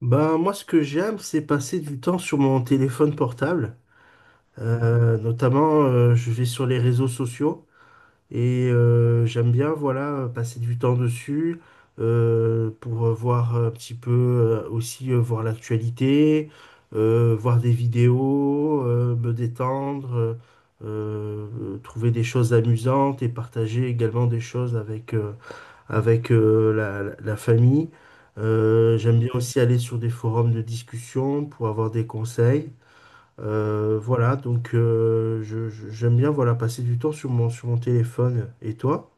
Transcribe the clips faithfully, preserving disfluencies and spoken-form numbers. Ben, moi, ce que j'aime, c'est passer du temps sur mon téléphone portable. Euh, notamment, euh, je vais sur les réseaux sociaux et euh, j'aime bien, voilà, passer du temps dessus euh, pour euh, voir un petit peu euh, aussi euh, voir l'actualité, euh, voir des vidéos, euh, me détendre, euh, euh, trouver des choses amusantes et partager également des choses avec, euh, avec euh, la, la famille. Euh, j'aime bien aussi aller sur des forums de discussion pour avoir des conseils. Euh, voilà, donc euh, je- je- j'aime bien, voilà, passer du temps sur mon, sur mon téléphone. Et toi?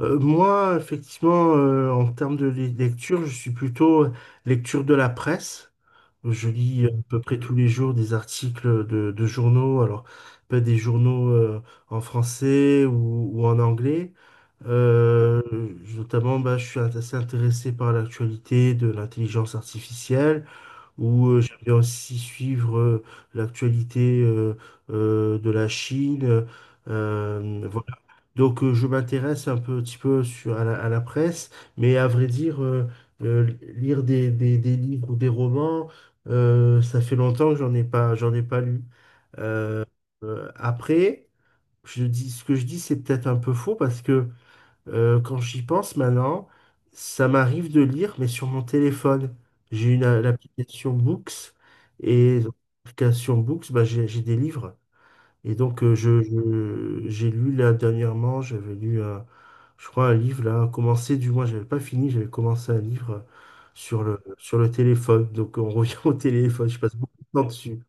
Euh, moi, effectivement, euh, en termes de li- lecture, je suis plutôt euh, lecture de la presse. Je lis euh, à peu près tous les jours des articles de, de journaux, alors pas des journaux euh, en français ou, ou en anglais. Euh, Notamment, bah, je suis assez intéressé par l'actualité de l'intelligence artificielle. Ou euh, j'aime aussi suivre euh, l'actualité euh, euh, de la Chine. Euh, voilà. Donc euh, je m'intéresse un peu- petit peu sur, à la, à la presse, mais à vrai dire, euh, euh, lire des, des- des livres ou des romans, euh, ça fait longtemps que j'en ai pas, j'en ai pas lu. Euh, euh, Après, je dis, ce que je dis, c'est peut-être un peu faux parce que euh, quand j'y pense maintenant, ça m'arrive de lire, mais sur mon téléphone. J'ai une a- l'application Books et dans l'application Books, bah, j'ai j'ai des livres. Et donc, euh, je, je- j'ai lu là dernièrement, j'avais lu, un- je crois, un livre là, commencé, du moins, j'avais pas fini, j'avais commencé un livre sur le, sur le téléphone. Donc, on revient au téléphone, je passe beaucoup de temps dessus.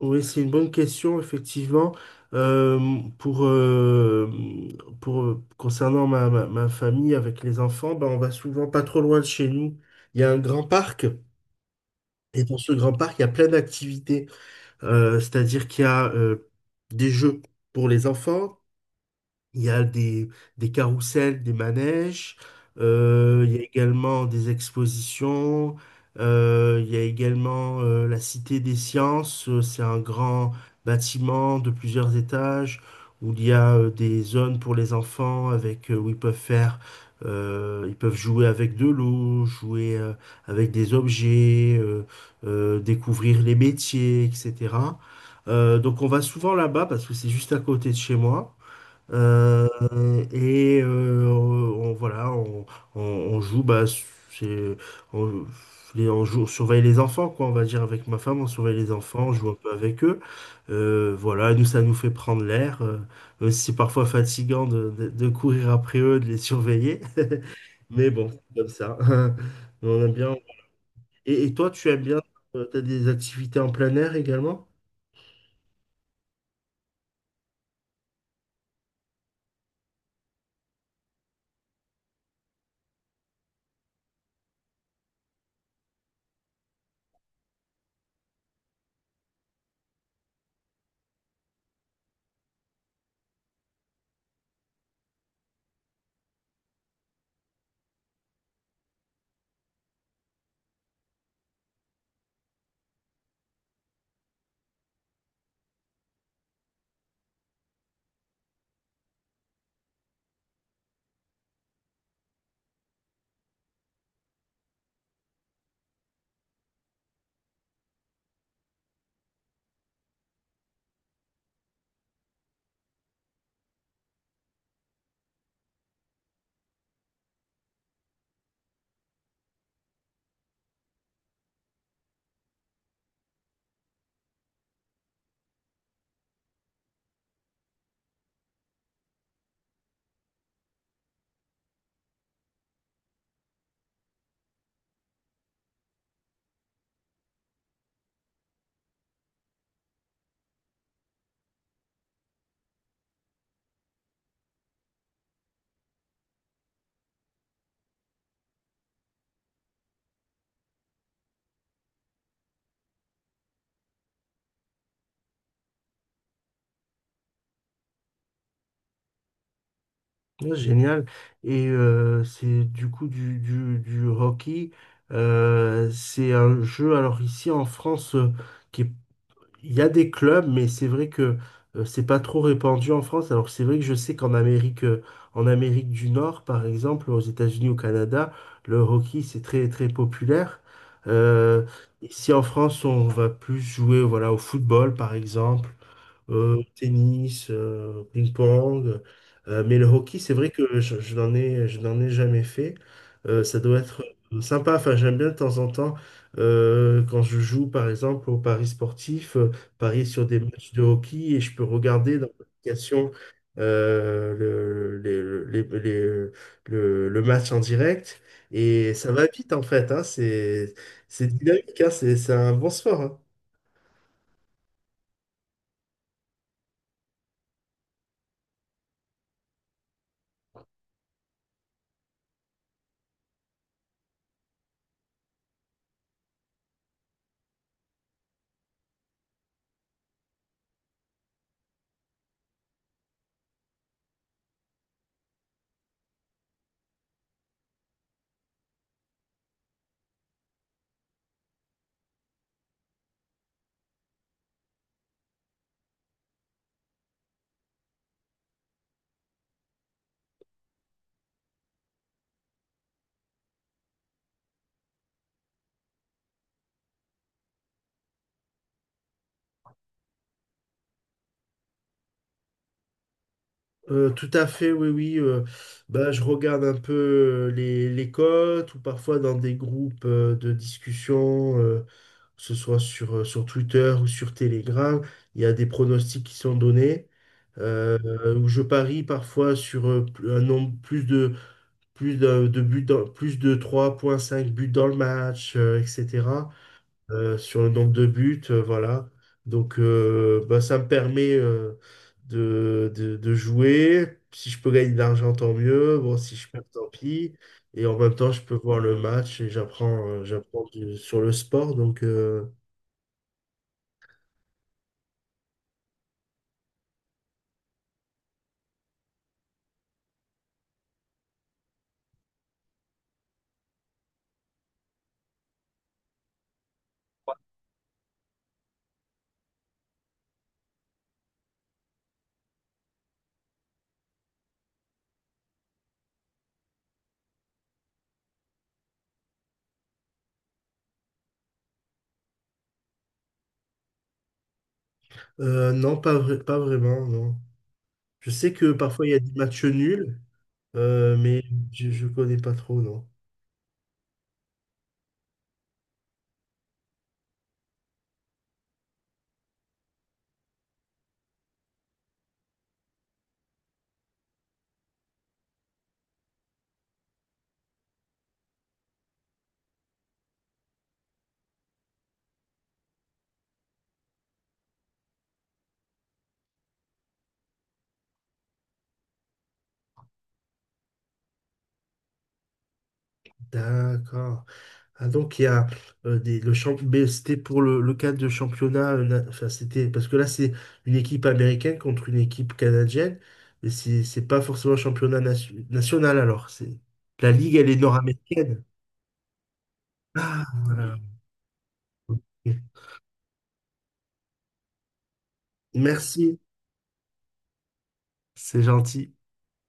Oui, c'est une bonne question, effectivement. Euh, pour, euh, pour, euh, concernant ma, ma, ma famille avec les enfants, ben, on va souvent pas trop loin de chez nous. Il y a un grand parc, et dans ce grand parc, il y a plein d'activités. Euh, c'est-à-dire qu'il y a euh, des jeux pour les enfants, il y a des, des carrousels, des manèges, euh, il y a également des expositions, euh, il y a également euh, la Cité des Sciences. Euh, c'est un grand bâtiment de plusieurs étages où il y a euh, des zones pour les enfants avec, euh, où ils peuvent faire, euh, ils peuvent jouer avec de l'eau, jouer euh, avec des objets, euh, euh, découvrir les métiers, et cetera. Euh, donc on va souvent là-bas parce que c'est juste à côté de chez moi. Euh, et euh, on, voilà, on, on- on joue, bah, c'est, on, les- on joue, on surveille les enfants, quoi, on va dire, avec ma femme, on surveille les enfants, on joue un peu avec eux. Euh, voilà, nous, ça nous fait prendre l'air, euh, même si c'est parfois fatigant de, de- de courir après eux, de les surveiller. Mais bon, c'est comme ça. On aime bien. Et, et toi, tu aimes bien, euh, t'as des activités en plein air également? Ouais, génial. Et euh, c'est du coup du, du, du hockey. Euh, c'est un jeu, alors ici en France, euh, qui est, il y a des clubs, mais c'est vrai que euh, c'est pas trop répandu en France. Alors que c'est vrai que je sais qu'en Amérique, euh, en Amérique du Nord, par exemple, aux États-Unis, au Canada, le hockey, c'est très très populaire. Euh, Ici en France, on va plus jouer, voilà, au football, par exemple, euh, au tennis, euh, au ping-pong. Euh, mais le hockey, c'est vrai que je, je n'en ai, je n'en ai jamais fait. Euh, ça doit être euh, sympa. Enfin, j'aime bien de temps en temps euh, quand je joue, par exemple, au Paris sportif, euh, parier sur des matchs de hockey, et je peux regarder dans l'application euh, le, les- les- les- le, le match en direct. Et ça va vite en fait, hein. C'est, c'est dynamique, hein. C'est, c'est un bon sport, hein. Euh, tout à fait, oui, oui. Euh, bah, je regarde un peu euh, les, les cotes, ou parfois dans des groupes euh, de discussion, euh, que ce soit sur, euh, sur Twitter ou sur Telegram, il y a des pronostics qui sont donnés. Euh, Où je parie parfois sur euh, pl- un nombre plus de plus de, de buts dans- plus de trois virgule cinq buts dans le match, euh, et cetera euh, Sur le nombre de buts, euh, voilà. Donc euh, bah, ça me permet euh, de, de, de jouer. Si je peux gagner de l'argent, tant mieux. Bon, si je perds, tant pis. Et en même temps, je peux voir le match et j'apprends euh, j'apprends du- sur le sport. Donc, euh. Euh, non, pas vrai- pas vraiment, non. Je sais que parfois il y a des matchs nuls, euh, mais je, je connais pas trop, non. D'accord. Ah, donc il y a euh, des, le champ, mais c'était pour le, le cadre de championnat, euh, na- enfin, c'était parce que là c'est une équipe américaine contre une équipe canadienne, mais c'est c'est pas forcément un championnat nation- national alors. C'est la ligue, elle est nord-américaine. Ah, voilà. Ok. Merci, c'est gentil.